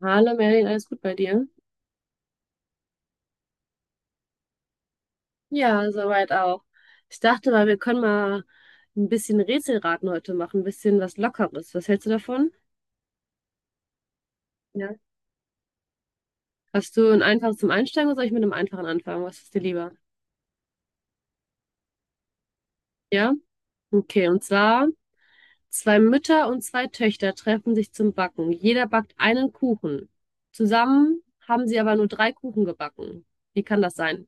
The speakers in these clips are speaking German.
Hallo Merlin, alles gut bei dir? Ja, soweit auch. Ich dachte mal, wir können mal ein bisschen Rätselraten heute machen, ein bisschen was Lockeres. Was hältst du davon? Ja. Hast du ein einfaches zum Einsteigen oder soll ich mit einem einfachen anfangen? Was ist dir lieber? Ja? Okay, und zwar, zwei Mütter und zwei Töchter treffen sich zum Backen. Jeder backt einen Kuchen. Zusammen haben sie aber nur drei Kuchen gebacken. Wie kann das sein?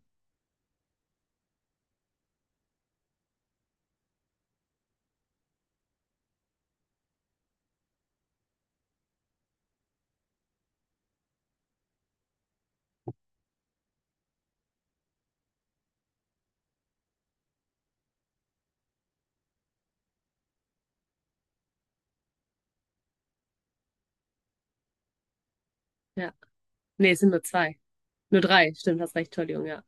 Ja. Nee, es sind nur zwei. Nur drei, stimmt, hast recht, Entschuldigung, ja.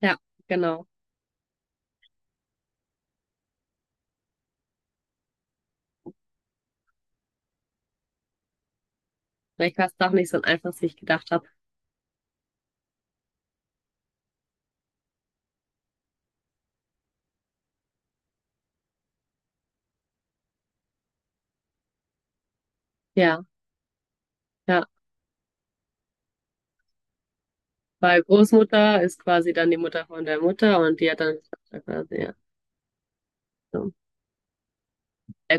Ja, genau. Vielleicht war doch nicht so einfach, wie ich gedacht habe. Ja, ja. Weil Großmutter ist quasi dann die Mutter von der Mutter und die hat dann eine Tochter quasi, ja. So. Äh,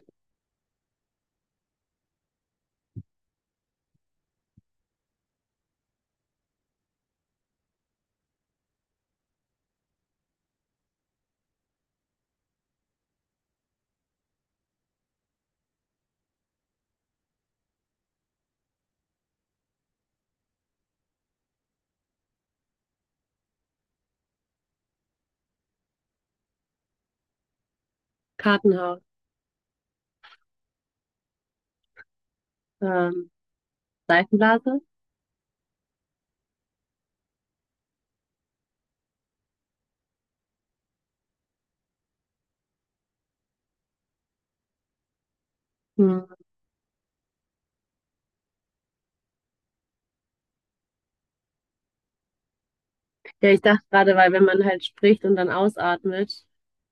Kartenhaus, ähm, Seifenblase. Hm. Ja, ich dachte gerade, weil wenn man halt spricht und dann ausatmet,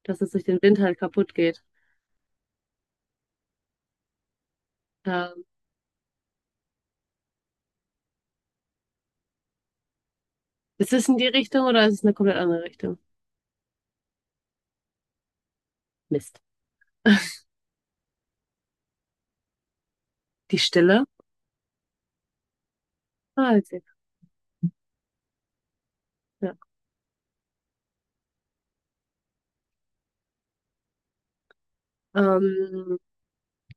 dass es durch den Wind halt kaputt geht. Ähm, ist es in die Richtung oder ist es eine komplett andere Richtung? Mist. Die Stille. Ah, witzig. Ja. Ähm,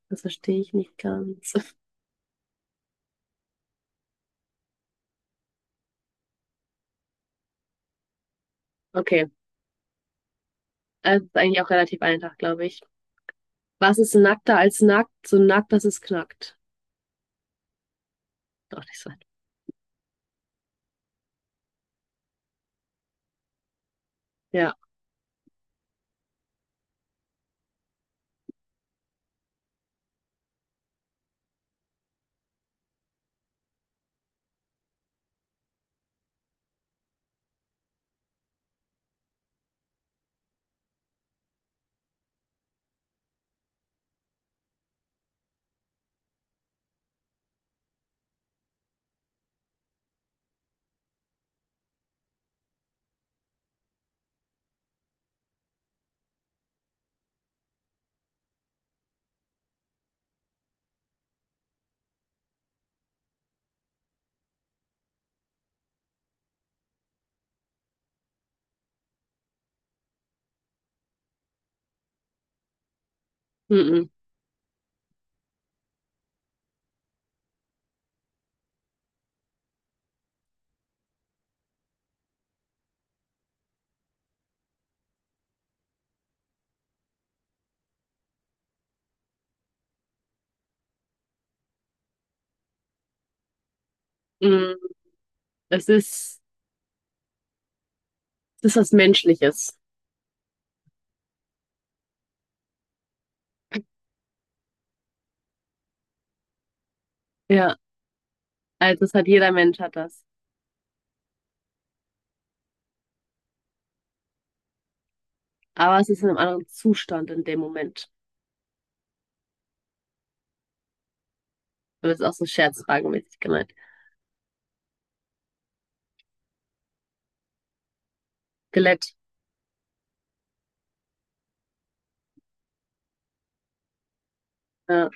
das verstehe ich nicht ganz. Okay, also ist eigentlich auch relativ einfach, glaube ich. Was ist nackter als nackt? So nackt, dass es knackt. Doch nicht so. Ja, mhm, mhm. Es ist, es ist was Menschliches. Ja, also das hat jeder Mensch hat das. Aber es ist in einem anderen Zustand in dem Moment. Und das ist auch so scherzfragenmäßig gemeint. Skelett. Ja.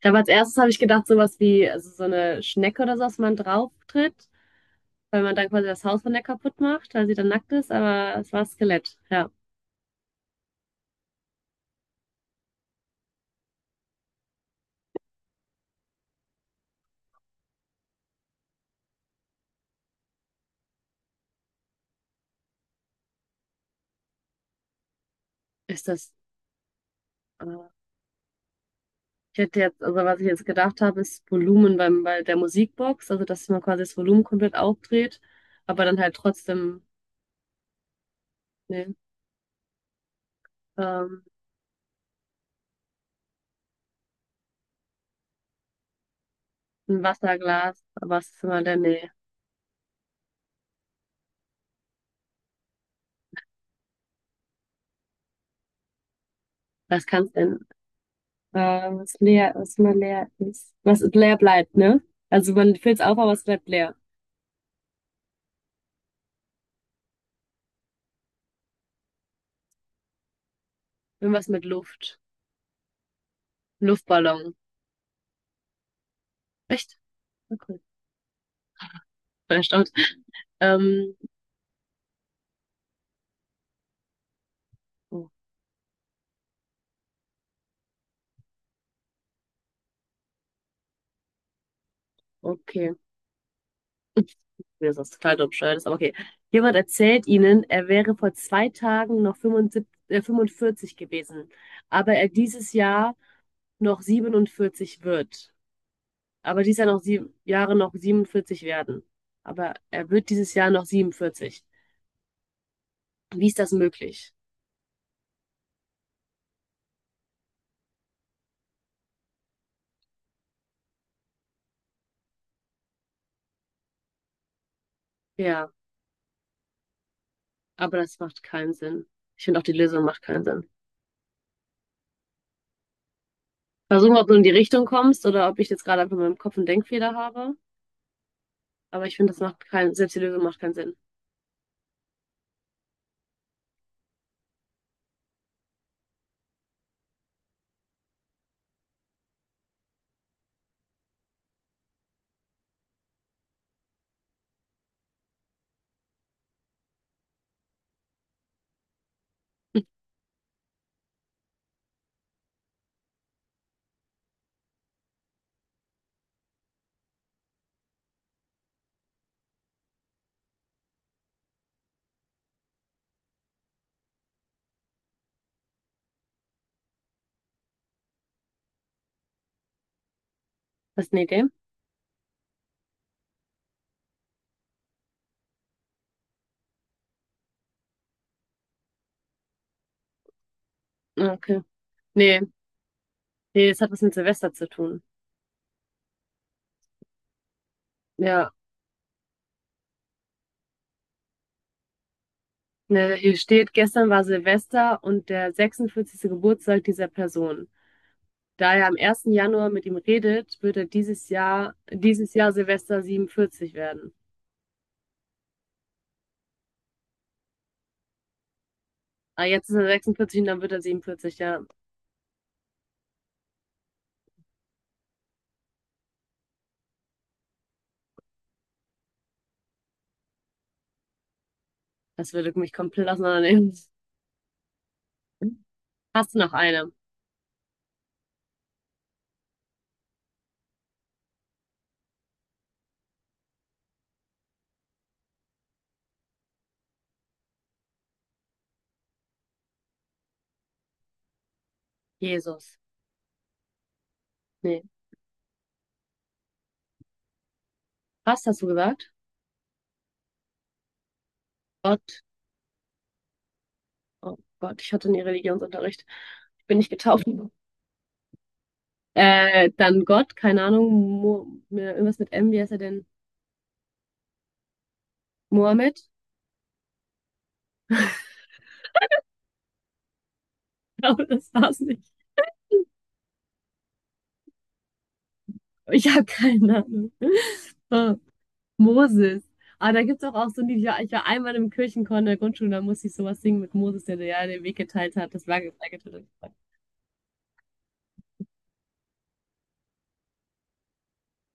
Ich habe als erstes habe ich gedacht, sowas wie also so eine Schnecke oder so, dass man drauf tritt, weil man dann quasi das Haus von der kaputt macht, weil sie dann nackt ist, aber es war Skelett. Ja, ist das. Äh, ich hätte jetzt, also was ich jetzt gedacht habe, ist Volumen bei der Musikbox, also dass man quasi das Volumen komplett aufdreht, aber dann halt trotzdem. Nee. Ähm, ein Wasserglas, aber es ist immer der Nähe. Was kann es denn? Äh, was leer, was immer leer ist. Was leer bleibt, ne? Also man füllt es auf, aber es bleibt leer. Irgendwas mit Luft. Luftballon. Echt? Okay. Bin erstaunt. Ähm, oh, okay. Mir ist das total dumm, bescheuert ist, aber okay. Jemand erzählt ihnen, er wäre vor zwei Tagen noch 45 gewesen, aber er dieses Jahr noch 47 wird. Aber dies Jahr noch sieben Jahre noch 47 werden. Aber er wird dieses Jahr noch 47. Wie ist das möglich? Ja, aber das macht keinen Sinn. Ich finde auch die Lösung macht keinen Sinn. Versuchen, ob du in die Richtung kommst oder ob ich jetzt gerade einfach in meinem Kopf einen Denkfehler habe. Aber ich finde, das macht keinen, selbst die Lösung macht keinen Sinn. Hast du eine Idee? Ah, okay. Nee, nee, das hat was mit Silvester zu tun. Ja, ne, hier steht, gestern war Silvester und der 46. Geburtstag dieser Person. Da er am ersten Januar mit ihm redet, wird dieses Jahr Silvester 47 werden. Ah, jetzt ist er 46 und dann wird er 47, ja. Das würde mich komplett auseinandernehmen. Hast du noch eine? Jesus. Nee. Was hast du gesagt? Gott. Oh Gott, ich hatte nie Religionsunterricht. Ich bin nicht getauft. Dann Gott, keine Ahnung. Irgendwas mit M, wie heißt er denn? Mohammed? Ich glaube, das war's nicht. Ich habe keine Ahnung. Oh. Moses. Aber da gibt es auch so ein Lied, ich war einmal im Kirchenchor in der Grundschule, da musste ich sowas singen mit Moses, der, ja den Weg geteilt hat, das Lager geteilt hat.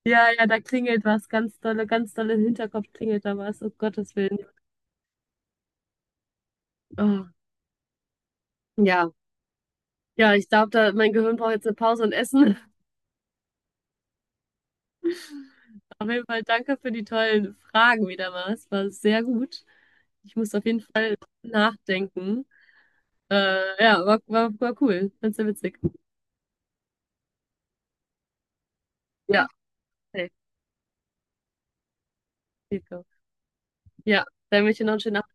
Ja, ja, da klingelt was, ganz dolle im Hinterkopf klingelt da was, um Gottes Willen. Oh, ja, ja, ich glaube, da, mein Gehirn braucht jetzt eine Pause und Essen. Auf jeden Fall danke für die tollen Fragen wieder mal, es war sehr gut. Ich muss auf jeden Fall nachdenken. Ja, war cool, ganz sehr witzig. Ja, okay, geht so. Ja, dann wünsche ich dir noch einen schönen Abend.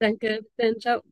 Danke, bis dann, ciao.